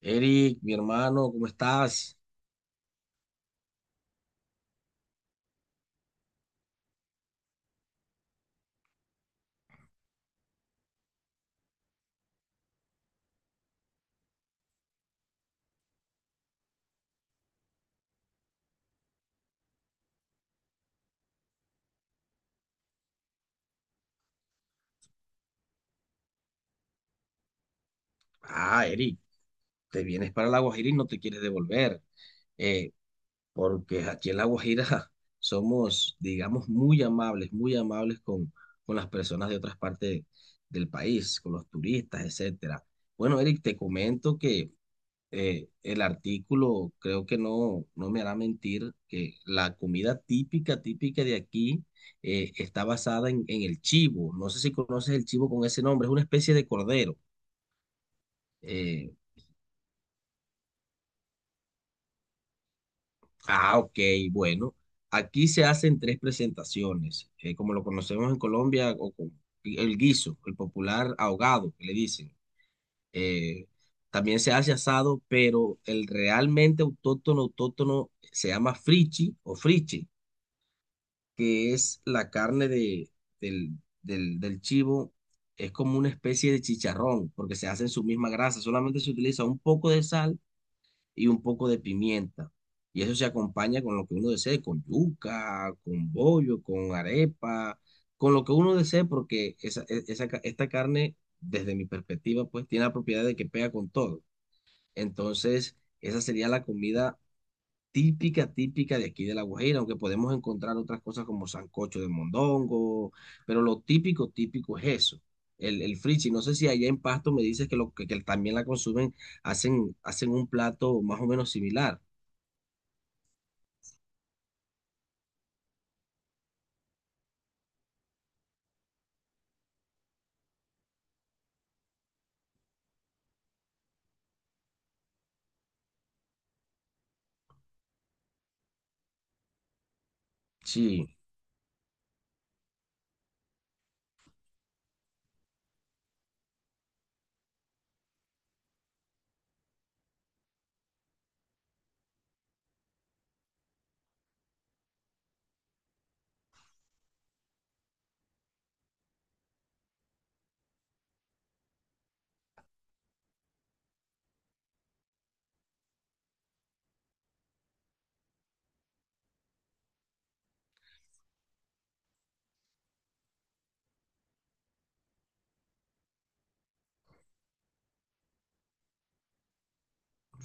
Eric, mi hermano, ¿cómo estás? Ah, Eric, te vienes para La Guajira y no te quieres devolver, eh, porque aquí en La Guajira somos, digamos, muy amables con las personas de otras partes del país, con los turistas, etcétera. Bueno, Eric, te comento que el artículo, creo que no me hará mentir, que la comida típica, típica de aquí está basada en el chivo. No sé si conoces el chivo con ese nombre, es una especie de cordero. Eh, ah, ok, bueno. Aquí se hacen tres presentaciones, como lo conocemos en Colombia, o con el guiso, el popular ahogado, que le dicen. Eh, También se hace asado, pero el realmente autóctono, autóctono se llama frichi o friche, que es la carne del, del chivo. Es como una especie de chicharrón, porque se hace en su misma grasa, solamente se utiliza un poco de sal y un poco de pimienta. Y eso se acompaña con lo que uno desee, con yuca, con bollo, con arepa, con lo que uno desee, porque esa, e- esa ca- esta carne, desde mi perspectiva, pues tiene la propiedad de que pega con todo. Entonces, esa sería la comida típica, típica de aquí de La Guajira, aunque podemos encontrar otras cosas como sancocho de mondongo, pero lo típico, típico es eso. El frichi, no sé si allá en Pasto me dices que también la consumen, hacen un plato más o menos similar. Sí,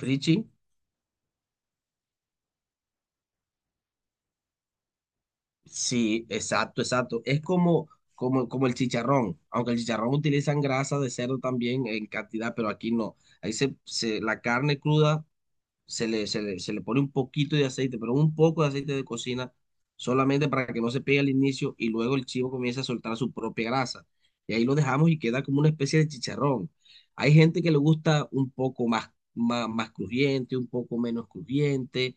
Frichi, sí, exacto, exacto. Es como, como, como el chicharrón, aunque el chicharrón utilizan grasa de cerdo también en cantidad, pero aquí no. La carne cruda se le pone un poquito de aceite, pero un poco de aceite de cocina, solamente para que no se pegue al inicio y luego el chivo comienza a soltar su propia grasa. Y ahí lo dejamos y queda como una especie de chicharrón. Hay gente que le gusta un poco más, más, más crujiente, un poco menos crujiente.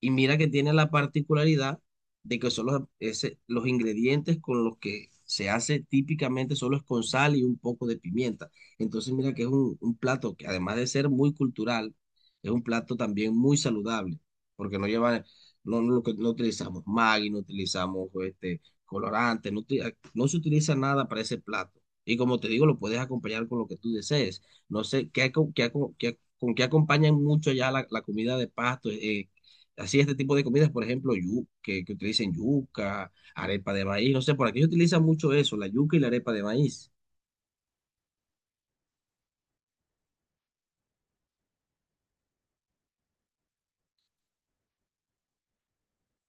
Y mira que tiene la particularidad de que son los ingredientes con los que se hace típicamente solo es con sal y un poco de pimienta. Entonces mira que es un plato que además de ser muy cultural, es un plato también muy saludable, porque no lleva, no utilizamos Maggi, no utilizamos colorante, no se utiliza nada para ese plato. Y como te digo, lo puedes acompañar con lo que tú desees. No sé, ¿ con qué acompañan mucho ya la comida de pasto? Así este tipo de comidas, por ejemplo, que utilicen yuca, arepa de maíz, no sé, por aquí se utiliza mucho eso, la yuca y la arepa de maíz.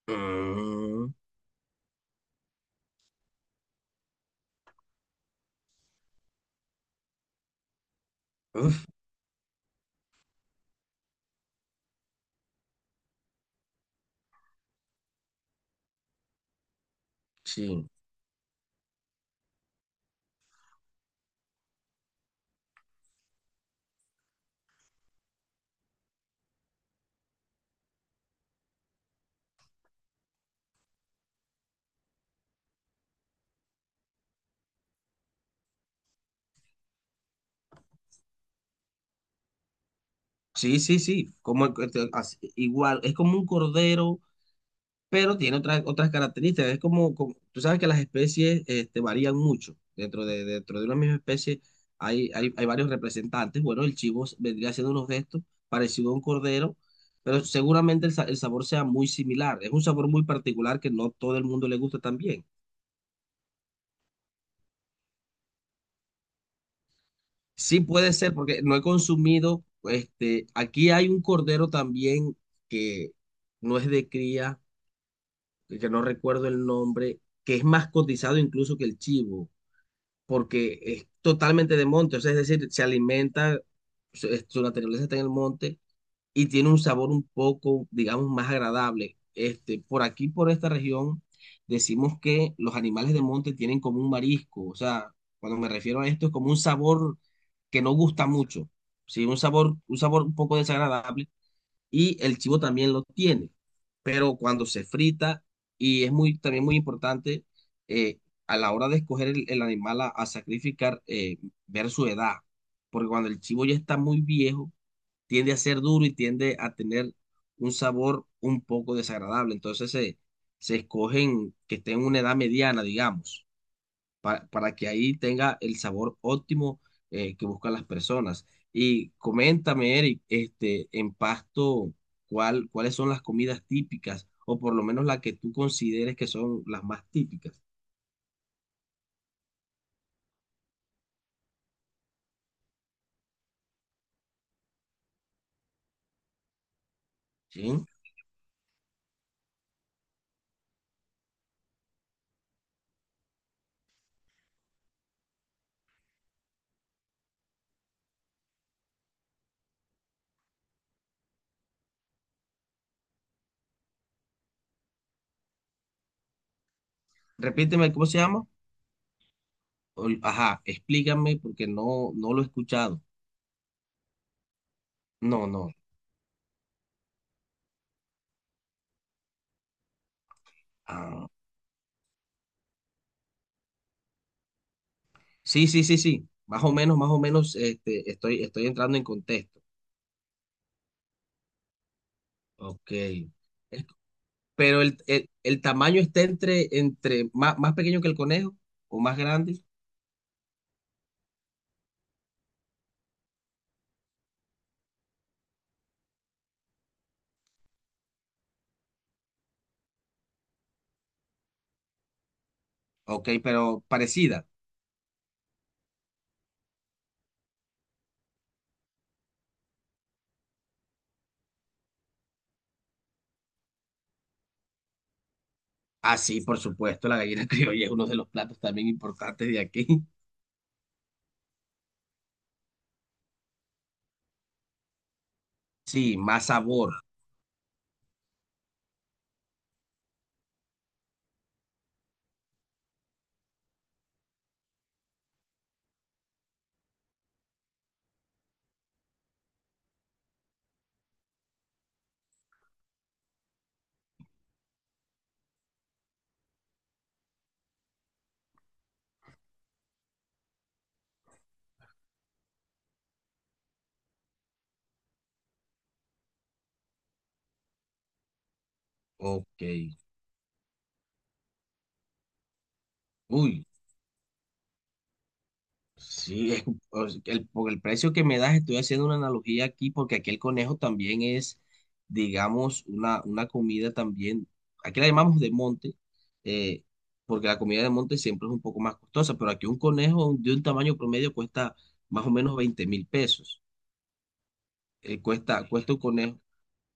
Mm, uf, sí, sí, sí, sí, como igual, es como un cordero pero tiene otras, otras características. Es como, tú sabes que las especies varían mucho. Dentro de una misma especie hay, hay, hay varios representantes. Bueno, vendría haciendo unos gestos parecido a un cordero, pero seguramente el sabor sea muy similar. Es un sabor muy particular que no todo el mundo le gusta también. Sí puede ser, porque no he consumido, aquí hay un cordero también que no es de cría, que no recuerdo el nombre, que es más cotizado incluso que el chivo porque es totalmente de monte, o sea, es decir, se alimenta, su naturaleza está en el monte y tiene un sabor un poco, digamos, más agradable. Por aquí, por esta región, decimos que los animales de monte tienen como un marisco, o sea, cuando me refiero a esto es como un sabor que no gusta mucho, sí, un sabor, un sabor un poco desagradable, y el chivo también lo tiene, pero cuando se frita, y es muy, también muy importante eh, a la hora de escoger el animal a sacrificar, ver su edad, porque cuando el chivo ya está muy viejo, tiende a ser duro y tiende a tener un sabor un poco desagradable, entonces se escogen que estén en una edad mediana, digamos para que ahí tenga el sabor óptimo que buscan las personas. Y coméntame, Eric, en Pasto, ¿ cuáles son las comidas típicas o por lo menos las que tú consideres que son las más típicas? ¿Sí? Repíteme, ¿cómo se llama? Ajá, explícame porque no lo he escuchado. No, no. Ah, sí, sí, sí, sí. Más o menos, estoy, estoy entrando en contexto. Ok. Pero el tamaño está entre, entre más, más pequeño que el conejo o más grande. Ok, pero parecida. Ah, sí, por supuesto, la gallina criolla es uno de los platos también importantes de aquí. Sí, más sabor. Ok. Uy, Sí, es- o sea, por el precio que me das, estoy haciendo una analogía aquí, porque aquí el conejo también es, digamos, una comida también, aquí la llamamos de monte, eh, porque la comida de monte siempre es un poco más costosa, pero aquí un conejo de un tamaño promedio cuesta más o menos 20.000 pesos. Cuesta, cuesta un conejo,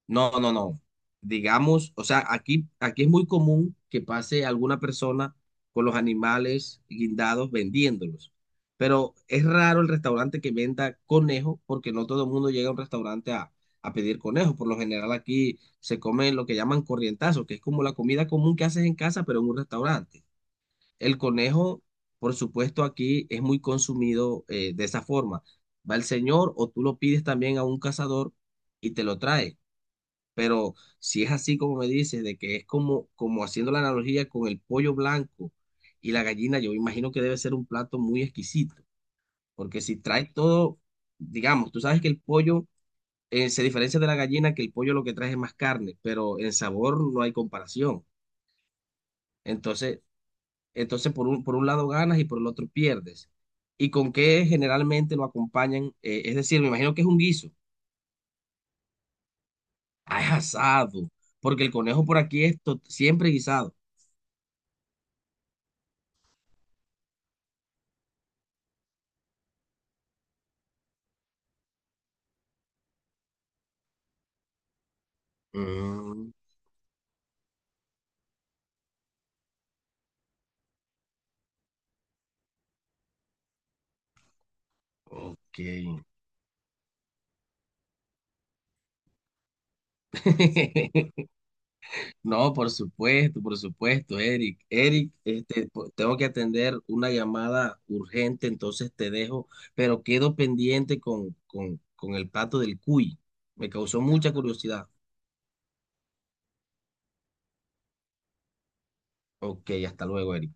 no, no, no. Digamos, o sea, aquí, aquí es muy común que pase alguna persona con los animales guindados vendiéndolos. Pero es raro el restaurante que venda conejo porque no todo el mundo llega a un restaurante a pedir conejo. Por lo general aquí se come lo que llaman corrientazo, que es como la comida común que haces en casa, pero en un restaurante. El conejo, por supuesto, aquí es muy consumido de esa forma. Va el señor o tú lo pides también a un cazador y te lo trae. Pero si es así como me dices, de que es como, como haciendo la analogía con el pollo blanco y la gallina, yo imagino que debe ser un plato muy exquisito, porque si trae todo, digamos, tú sabes que el pollo se diferencia de la gallina, que el pollo lo que trae es más carne, pero en sabor no hay comparación. Entonces, entonces por por un lado ganas y por el otro pierdes. ¿Y con qué generalmente lo acompañan? Es decir, me imagino que es un guiso. Ah, es asado, porque el conejo por aquí es siempre guisado. Mm. Ok. No, por supuesto, Eric. Eric, tengo que atender una llamada urgente, entonces te dejo, pero quedo pendiente con el plato del cuy. Me causó mucha curiosidad. Ok, hasta luego, Eric.